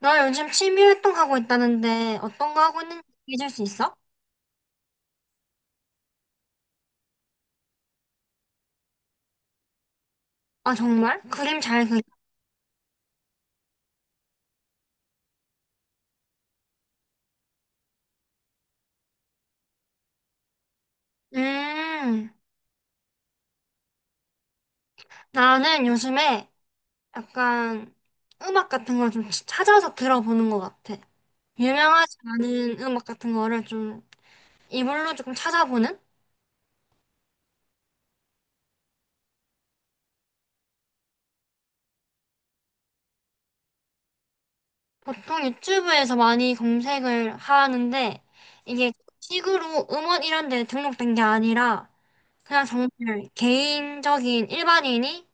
나 요즘 취미 활동하고 있다는데 어떤 거 하고 있는지 얘기해줄 수 있어? 아, 정말? 그림 잘 그려? 음, 나는 요즘에 약간 음악 같은 걸 좀 찾아서 들어보는 것 같아. 유명하지 않은 음악 같은 거를 좀 이걸로 조금 찾아보는? 보통 유튜브에서 많이 검색을 하는데 이게 식으로 음원 이런 데 등록된 게 아니라 그냥 정말 개인적인 일반인이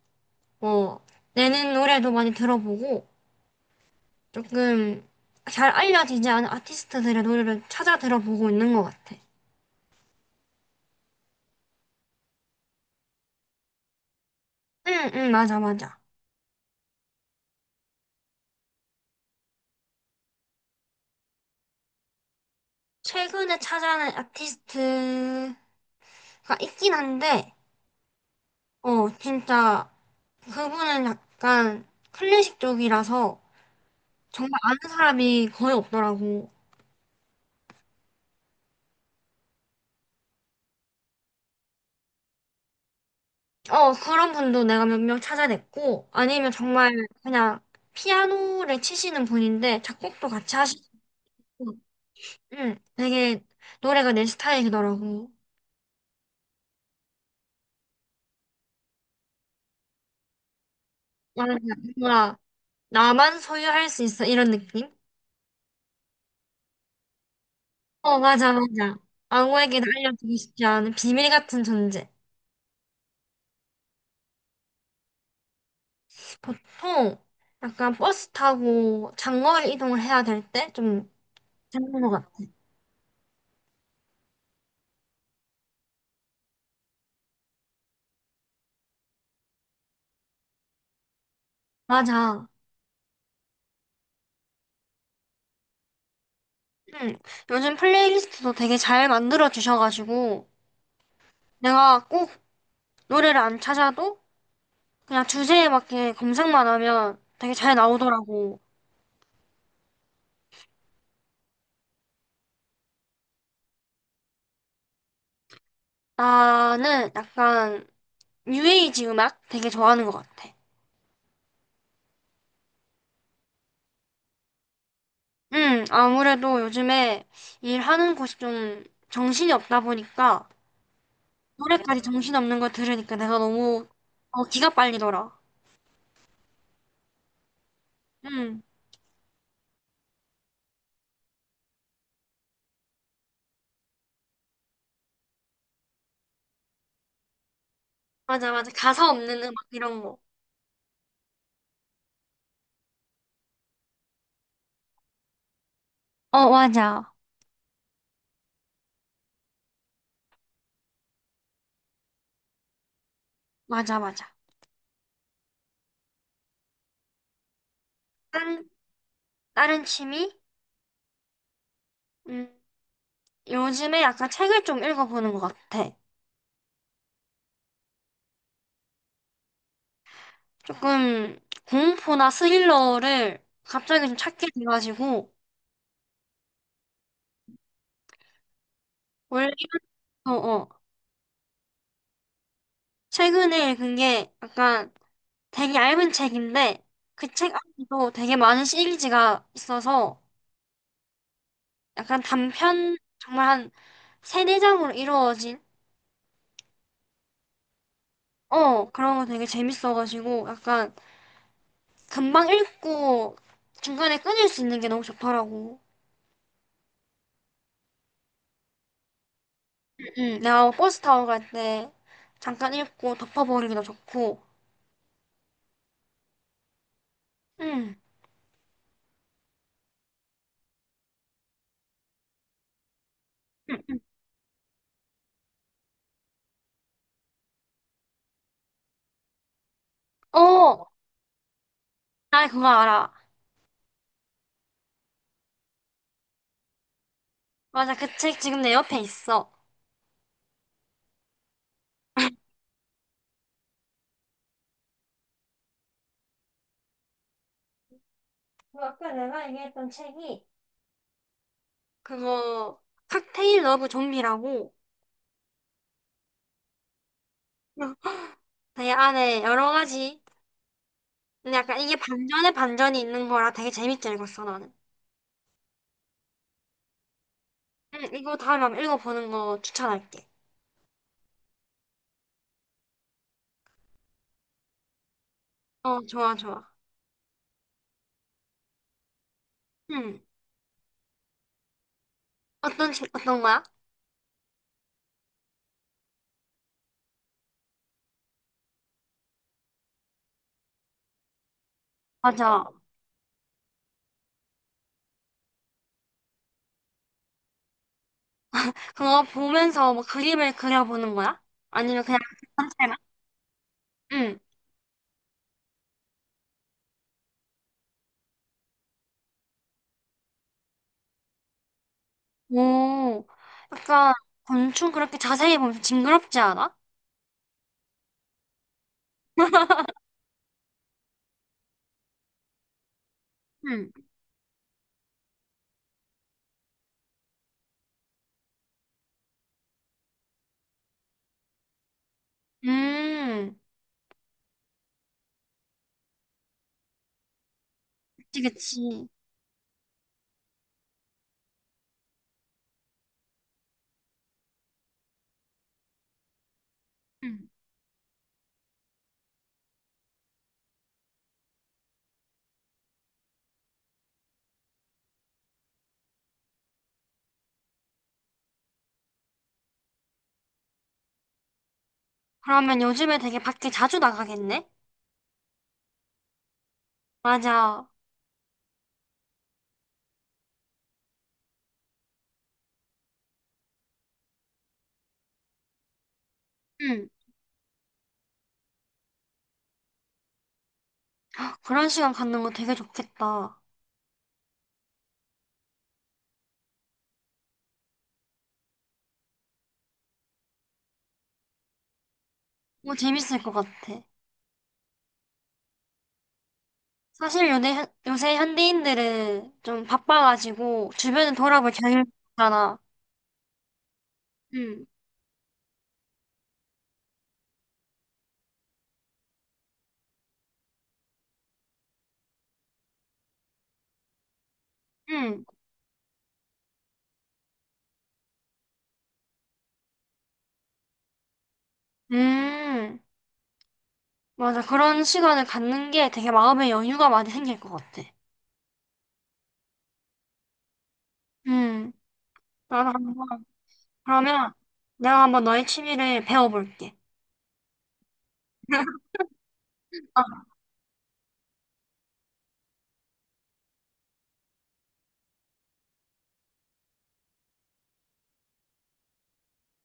뭐 내는 노래도 많이 들어보고 조금 잘 알려지지 않은 아티스트들의 노래를 찾아 들어보고 있는 것 같아. 응, 응, 맞아, 맞아. 최근에 찾아낸 아티스트가 있긴 한데, 어, 진짜 그분은 약간 클래식 쪽이라서 정말 아는 사람이 거의 없더라고. 어, 그런 분도 내가 몇 명 찾아냈고, 아니면 정말 그냥 피아노를 치시는 분인데 작곡도 같이 하시고, 응, 되게 노래가 내 스타일이더라고. 아, 뭔가 나만 소유할 수 있어 이런 느낌? 어, 맞아, 맞아. 아무에게나 알려주고 싶지 않은 비밀 같은 존재. 보통 약간 버스 타고 장거리 이동을 해야 될 때 좀 찾는 것 같아. 맞아. 응, 요즘 플레이리스트도 되게 잘 만들어 주셔가지고 내가 꼭 노래를 안 찾아도 그냥 주제에 맞게 검색만 하면 되게 잘 나오더라고. 나는 약간 뉴에이지 음악 되게 좋아하는 것 같아. 아무래도 요즘에 일하는 곳이 좀 정신이 없다 보니까 노래까지 정신없는 거 들으니까 내가 너무, 어, 기가 빨리더라. 음, 맞아, 맞아. 가사 없는 음악 이런 거. 어, 맞아. 맞아, 맞아. 다른, 다른 취미? 음, 요즘에 약간 책을 좀 읽어보는 것 같아. 조금 공포나 스릴러를 갑자기 좀 찾게 돼가지고 원래 어, 어. 최근에 읽은 게 약간 되게 얇은 책인데 그 책 안에도 되게 많은 시리즈가 있어서 약간 단편 정말 한 세네 장으로 이루어진 어, 그런 거 되게 재밌어가지고 약간 금방 읽고 중간에 끊을 수 있는 게 너무 좋더라고. 응, 내가 버스 타고 갈 때 잠깐 읽고 덮어버리기도 좋고. 응. 어, 나 그거 알아. 맞아, 그 책 지금 내 옆에 있어. 그 아까 내가 얘기했던 책이 그거 칵테일 러브 좀비라고. 되게 안에 여러 가지 근데 약간 이게 반전에 반전이 있는 거라 되게 재밌게 읽었어 나는. 응, 이거 다음에 한번 읽어보는 거 추천할게. 어, 좋아, 좋아. 응. 어떤, 책- 어떤 거야? 맞아. 그거 보면서 뭐 그림을 그려보는 거야? 아니면 그냥 전체만? 응. 오, 약간 곤충 그렇게 자세히 보면 징그럽지 않아? 응. 음, 그치, 그치. 응. 그러면 요즘에 되게 밖에 자주 나가겠네? 맞아. 응. 그런 시간 갖는 거 되게 좋겠다. 뭐 재밌을 것 같아. 사실 요새, 현- 요새 현대인들은 좀 바빠가지고 주변을 돌아볼 경향가없잖아. 응, 응, 음, 맞아. 그런 시간을 갖는 게 되게 마음의 여유가 많이 생길 것 같아. 응, 나도 한번, 그러면 내가 한번 너의 취미를 배워볼게.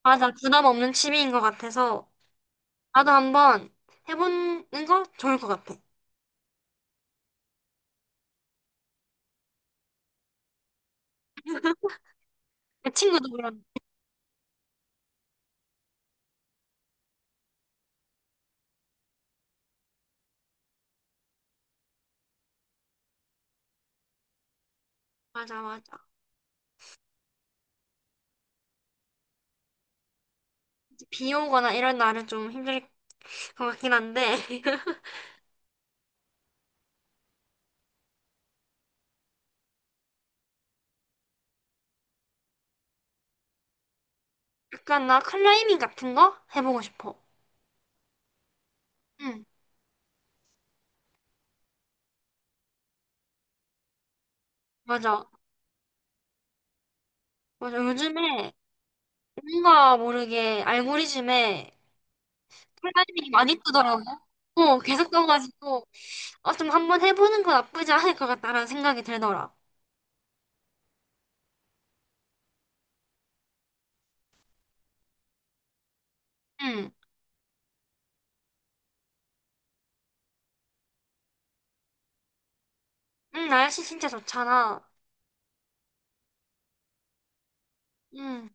맞아. 부담 없는 취미인 것 같아서 나도 한번 해보는 거 좋을 것 같아. 내 친구도 그런, 맞아, 맞아. 비 오거나 이런 날은 좀 힘들 그렇긴 한데 약간 나 클라이밍 같은 거 해보고 싶어. 응, 맞아. 맞아. 요즘에 뭔가 모르게 알고리즘에 클라이밍이 많이 뜨더라고. 어, 계속 떠가지고 어, 좀 한번 해보는 건 나쁘지 않을 것 같다라는 생각이 들더라. 응, 응, 날씨 진짜 좋잖아. 응,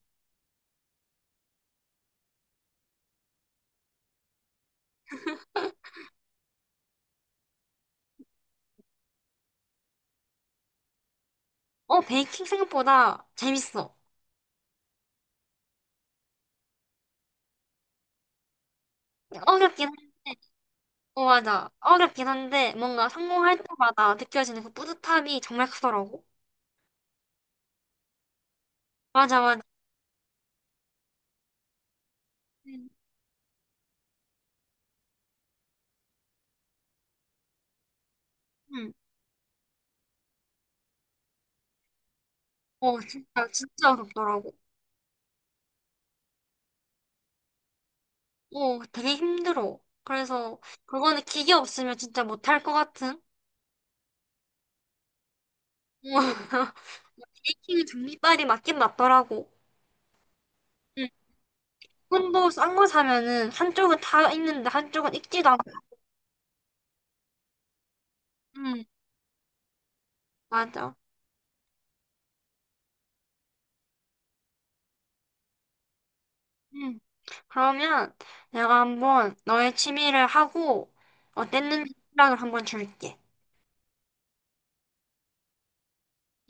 어, 베이킹 생각보다 재밌어. 어렵긴 한데, 어, 맞아. 어렵긴 한데 뭔가 성공할 때마다 느껴지는 그 뿌듯함이 정말 크더라고. 맞아, 맞아. 응. 응. 어, 진짜, 진짜 어렵더라고. 어, 되게 힘들어. 그래서, 그거는 기계 없으면 진짜 못할 것 같은? 어, 베이킹은 종이빨이 맞긴 맞더라고. 응. 콘도 싼 거 사면은, 한쪽은 다 있는데, 한쪽은 익지도 않고. 응, 맞아. 응. 그러면, 내가 한번 너의 취미를 하고, 어땠는지 생각을 한번 줄게.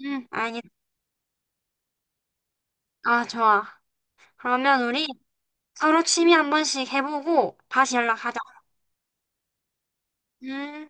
응, 알겠어. 아, 좋아. 그러면 우리 서로 취미 한 번씩 해보고, 다시 연락하자. 음.